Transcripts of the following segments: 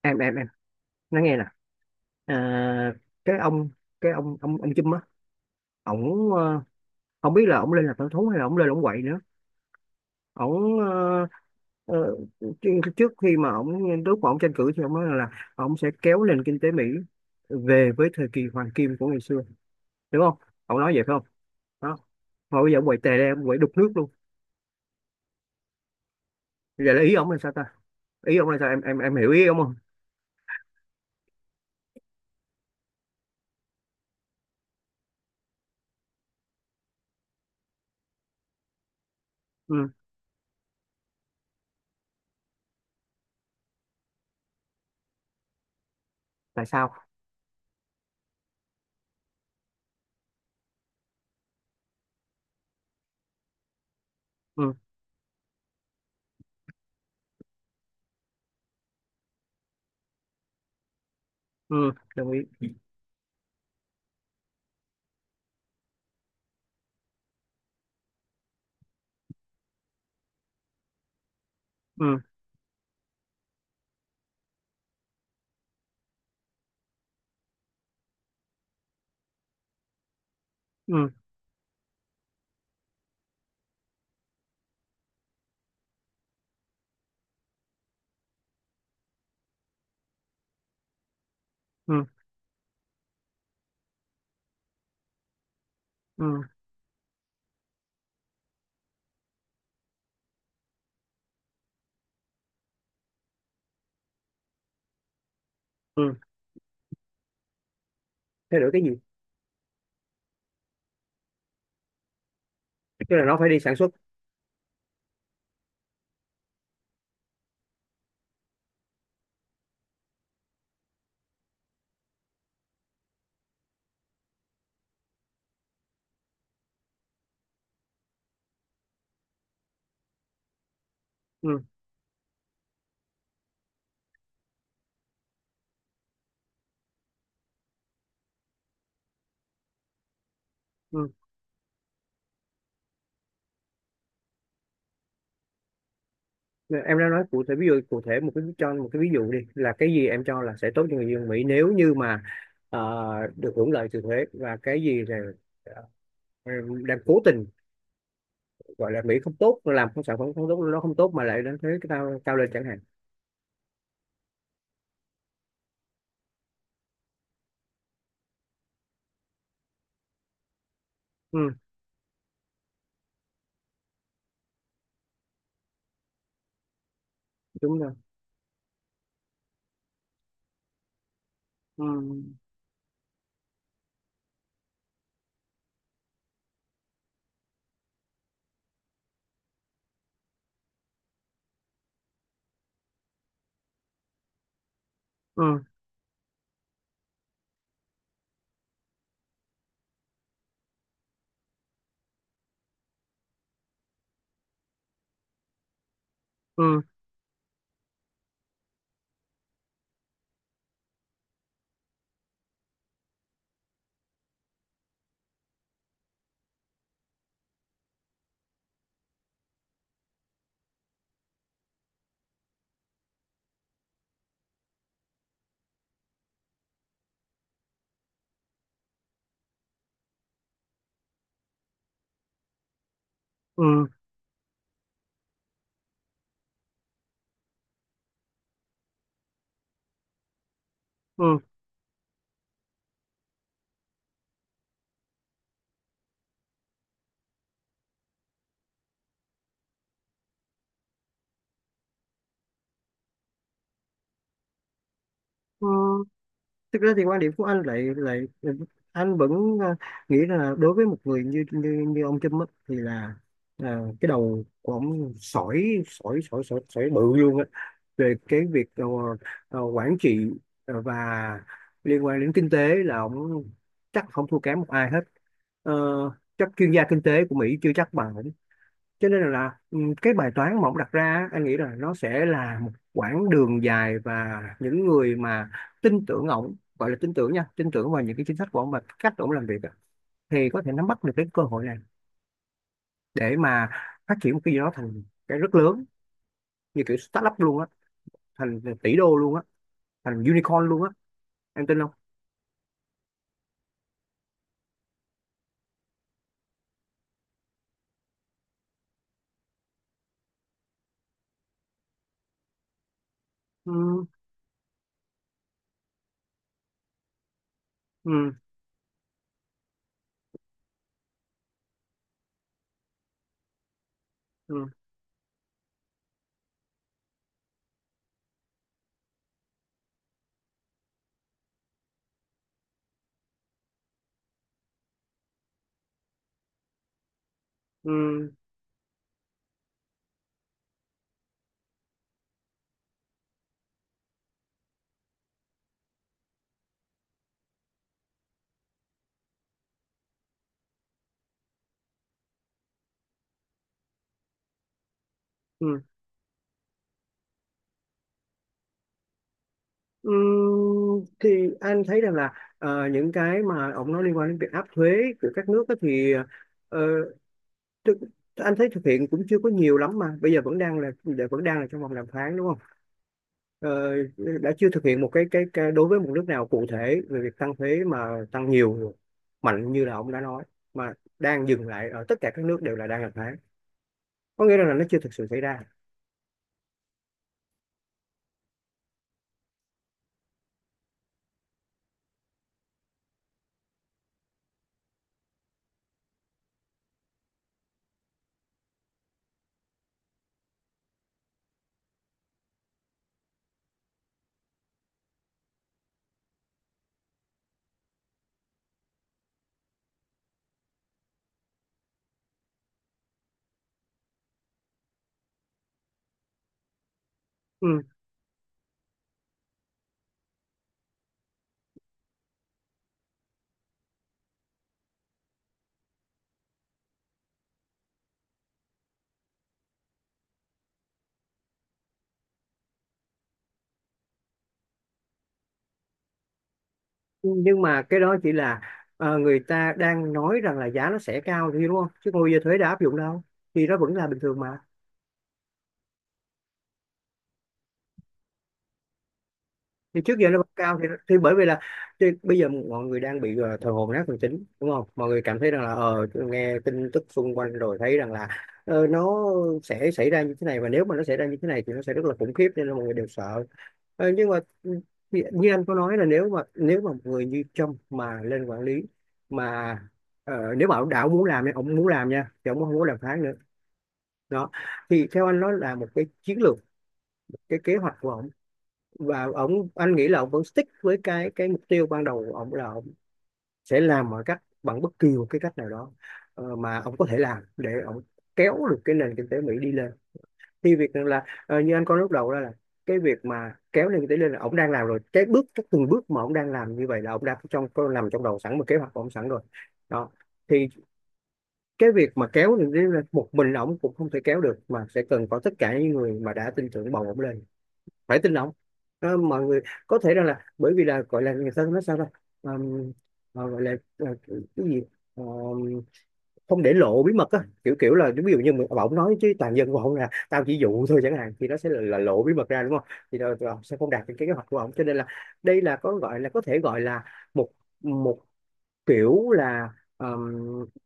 Em nói nghe nè. À, cái ông cái ông Chum á, ổng... không biết là ổng lên làm thợ thú hay là ổng lên ổng quậy nữa. ổng ờ, ờ, trước trước khi mà ổng, lúc mà ổng tranh cử thì ổng nói là ổng sẽ kéo nền kinh tế Mỹ về với thời kỳ hoàng kim của ngày xưa, đúng không? Ổng nói vậy phải không? Đó. Mà bây giờ ổng quậy tè ra, ổng quậy đục nước luôn. Bây giờ là ý ổng là sao ta? Ý ổng là sao, em hiểu ý ổng không? Ừ. Tại sao? Ừ. Ừ, đồng ý. Ừ. Ừ. Ừ. Ừ. Ừ. Thay đổi cái gì? Tức là nó phải đi sản xuất. Ừ. Ừ. Em đã nói cụ thể, ví dụ cụ thể một cái, cho một cái ví dụ đi là cái gì em cho là sẽ tốt cho người dân Mỹ nếu như mà ờ, được hưởng lợi từ thuế, và cái gì là ờ, đang cố tình gọi là Mỹ không tốt, làm không sản phẩm không tốt, nó không tốt mà lại đánh thuế cái cao cao lên chẳng hạn. Ừ. Đúng rồi. Ừ. Ừ. Ừ. Ừ. Ừ. Ừ. Thực ra thì quan điểm của anh lại lại ừ, anh vẫn ờ, nghĩ là đối với một người như như, như ông Trump á, thì là cái đầu của ông sỏi sỏi sỏi sỏi sỏi bự luôn á, về cái việc quản trị và liên quan đến kinh tế là ông chắc không thua kém một ai hết. Ờ, chắc chuyên gia kinh tế của Mỹ chưa chắc bằng, cho nên là cái bài toán mà ông đặt ra á, anh nghĩ là nó sẽ là một quãng đường dài, và những người mà tin tưởng ông, gọi là tin tưởng nha, tin tưởng vào những cái chính sách của ông và cách ông làm việc á, thì có thể nắm bắt được cái cơ hội này để mà phát triển một cái gì đó thành cái rất lớn, như kiểu startup luôn á, thành tỷ đô luôn á, thành unicorn luôn á. Em tin không? Ừm. Ừm. Ừm. Ừm. Ừm. Ừm, thì anh thấy rằng là những cái mà ông nói liên quan đến việc áp thuế của các nước á, thì thực, anh thấy thực hiện cũng chưa có nhiều lắm, mà bây giờ vẫn đang là vẫn đang là trong vòng đàm phán, đúng không? ờ, đã chưa thực hiện một cái đối với một nước nào cụ thể về việc tăng thuế mà tăng nhiều, mạnh như là ông đã nói, mà đang dừng lại ở tất cả các nước đều là đang đàm phán, có nghĩa là nó chưa thực sự xảy ra. Ừ. Nhưng mà cái đó chỉ là người ta đang nói rằng là giá nó sẽ cao, thì đúng không, chứ còn bây giờ thuế đã áp dụng đâu, thì nó vẫn là bình thường mà. Thì trước giờ nó vẫn cao thì bởi vì là thì bây giờ mọi người đang bị thờ hồn nát thần tính, đúng không? Mọi người cảm thấy rằng là nghe tin tức xung quanh rồi thấy rằng là nó sẽ xảy ra như thế này, và nếu mà nó xảy ra như thế này thì nó sẽ rất là khủng khiếp, nên là mọi người đều sợ. Ờ, nhưng mà như như anh có nói, là nếu mà một người như Trump mà lên quản lý, mà nếu mà ông đã muốn làm nha, ông muốn làm nha, thì ông không muốn đàm phán nữa. Đó. Thì theo anh nó là một cái chiến lược, cái kế hoạch của ông. Và ông, anh nghĩ là ông vẫn stick với cái mục tiêu ban đầu của ông, là ông sẽ làm mọi cách bằng bất kỳ một cái cách nào đó mà ông có thể làm để ông kéo được cái nền kinh tế Mỹ đi lên. Thì việc là như anh có lúc đầu đó, là cái việc mà kéo nền kinh tế lên là ông đang làm rồi, cái từng bước mà ông đang làm như vậy là ông đã, trong có nằm trong đầu sẵn một kế hoạch của ông sẵn rồi. Đó. Thì cái việc mà kéo nền kinh tế lên một mình ông cũng không thể kéo được, mà sẽ cần có tất cả những người mà đã tin tưởng bầu ông lên phải tin ông. Ờ, mọi người có thể rằng là bởi vì là gọi là người ta nói sao đó, gọi là cái gì, ờ, không để lộ bí mật á, kiểu kiểu là ví dụ như mình ông nói chứ toàn dân của ông là tao chỉ dụ thôi chẳng hạn, thì nó sẽ là lộ bí mật ra, đúng không? Thì đâu ông sẽ không đạt được cái kế hoạch của ông, cho nên là đây là có gọi là có thể gọi là một một kiểu là ờm,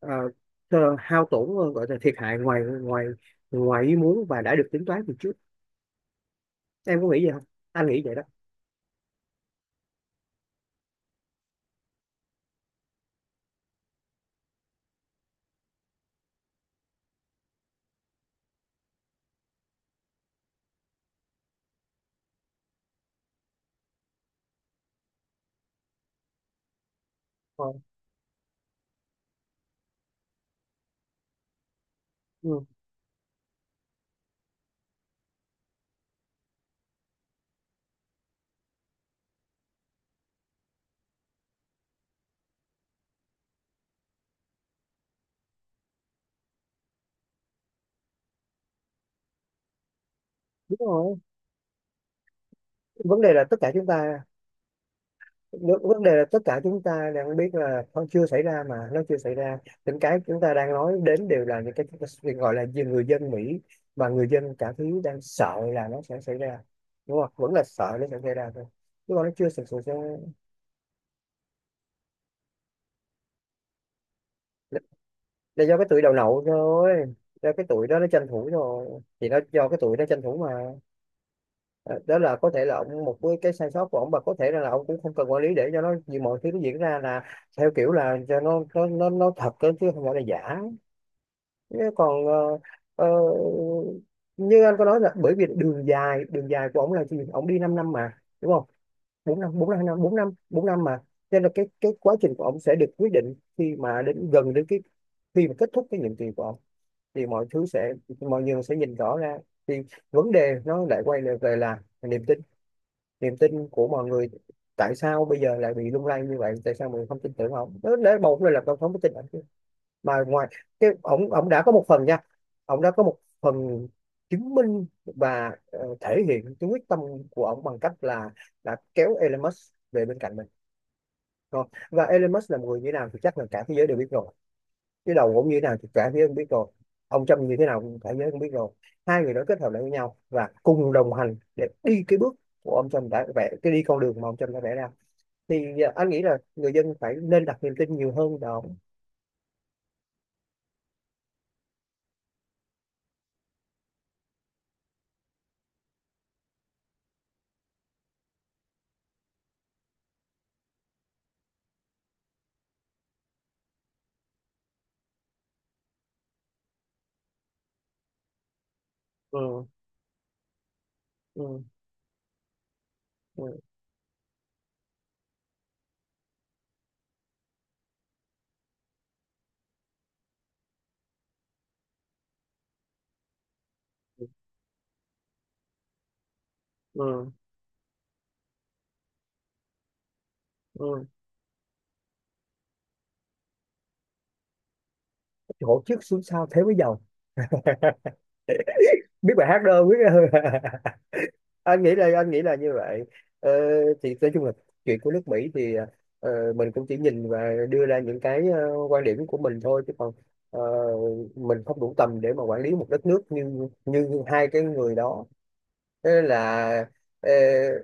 ờ, ờ, hao tổn, gọi là thiệt hại ngoài ngoài ngoài ý muốn và đã được tính toán từ trước. Em có nghĩ vậy không? Anh nghĩ vậy đó. Ờ. Ừ. Đúng rồi. Vấn đề là tất cả chúng ta, vấn vấn đề là tất cả chúng ta đang biết là nó chưa xảy ra, mà nó chưa xảy ra. Những cái chúng ta đang nói đến đều là những cái chúng ta được, gọi là gì, người dân Mỹ và người dân cả thứ đang sợ là nó sẽ xảy ra, đúng không? Vẫn là sợ nó sẽ xảy ra thôi, chứ còn nó chưa thực sự sẽ là, là do cái tụi đầu nậu thôi, do cái tụi đó nó tranh thủ rồi, thì nó do cái tụi nó tranh thủ mà. Ờ, đó là có thể là ông một cái sai sót của ông, và có thể là ông cũng không cần quản lý để cho nó, như mọi thứ nó diễn ra là theo kiểu là cho nó thật cơ, chứ không phải là giả. Thế còn ờ, như anh có nói là bởi vì đường dài, đường dài của ông là gì, ông đi 5 năm năm mà, đúng không? Bốn năm bốn năm bốn năm mà, cho nên là cái quá trình của ông sẽ được quyết định khi mà đến gần đến cái khi mà kết thúc cái nhiệm kỳ của ông, thì mọi thứ sẽ, mọi người sẽ nhìn rõ ra. Thì vấn đề nó lại quay lại về là niềm tin, niềm tin của mọi người. Tại sao bây giờ lại bị lung lay như vậy, tại sao mọi người không tin tưởng ông đó, để một là tôi không có tin ổng mà ngoài cái ổng ổng đã có một phần nha, ổng đã có một phần chứng minh và thể hiện cái quyết tâm của ổng bằng cách là đã kéo Elon Musk về bên cạnh mình. Rồi. Và Elon Musk là một người như thế nào thì chắc là cả thế giới đều biết rồi, chứ đầu cũng như thế nào thì cả phía không biết rồi, ông Trump như thế nào cũng cả giới không biết rồi. Hai người đó kết hợp lại với nhau và cùng đồng hành để đi cái bước của ông Trump đã vẽ, cái đi con đường mà ông Trump đã vẽ ra, thì à, anh nghĩ là người dân phải nên đặt niềm tin nhiều hơn vào. Ừ. Ừ. Ừ. Ừ. Ừ. Chỗ trước xuống sau thế mới giàu. Biết bài hát đâu biết. Anh nghĩ là anh nghĩ là như vậy. ờ, thì nói chung là chuyện của nước Mỹ thì mình cũng chỉ nhìn và đưa ra những cái quan điểm của mình thôi, chứ còn ờ, mình không đủ tầm để mà quản lý một đất nước như như hai cái người đó. Thế nên là ờ,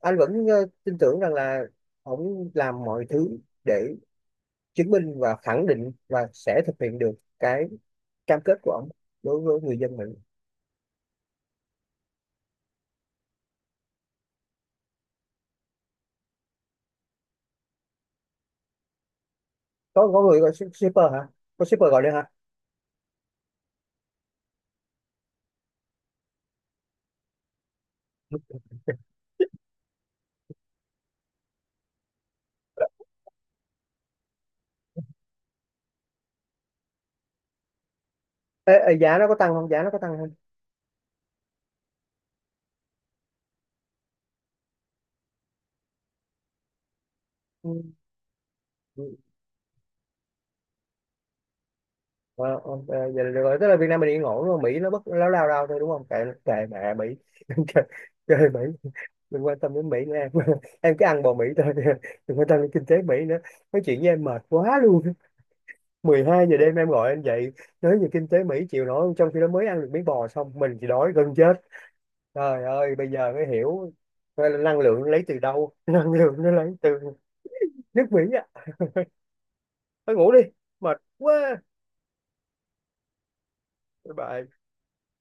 anh vẫn tin tưởng rằng là ông làm mọi thứ để chứng minh và khẳng định và sẽ thực hiện được cái cam kết của ông đối với người dân Mỹ. Có người gọi shipper hả? Có shipper gọi đây hả? Ê, ê, giá nó có tăng không? Giá nó có tăng? Ừ. Ờ, ok, vậy là được rồi. Tức là Việt Nam mình yên ổn đúng không? Mỹ nó bất láo lao lao thôi đúng không? Kệ, kệ mẹ Mỹ. Chơi, chơi Mỹ. Đừng quan tâm đến Mỹ nữa em. Em cứ ăn bò Mỹ thôi. Đừng quan tâm đến kinh tế Mỹ nữa. Nói chuyện với em mệt quá luôn. 12 giờ đêm em gọi anh dậy. Nói về kinh tế Mỹ chịu nổi không? Trong khi đó mới ăn được miếng bò xong, mình chỉ đói gần chết. Trời ơi, bây giờ mới hiểu. Coi là năng lượng lấy từ đâu. Năng lượng nó lấy từ nước Mỹ á. Thôi ngủ đi. Mệt quá. Bye bye.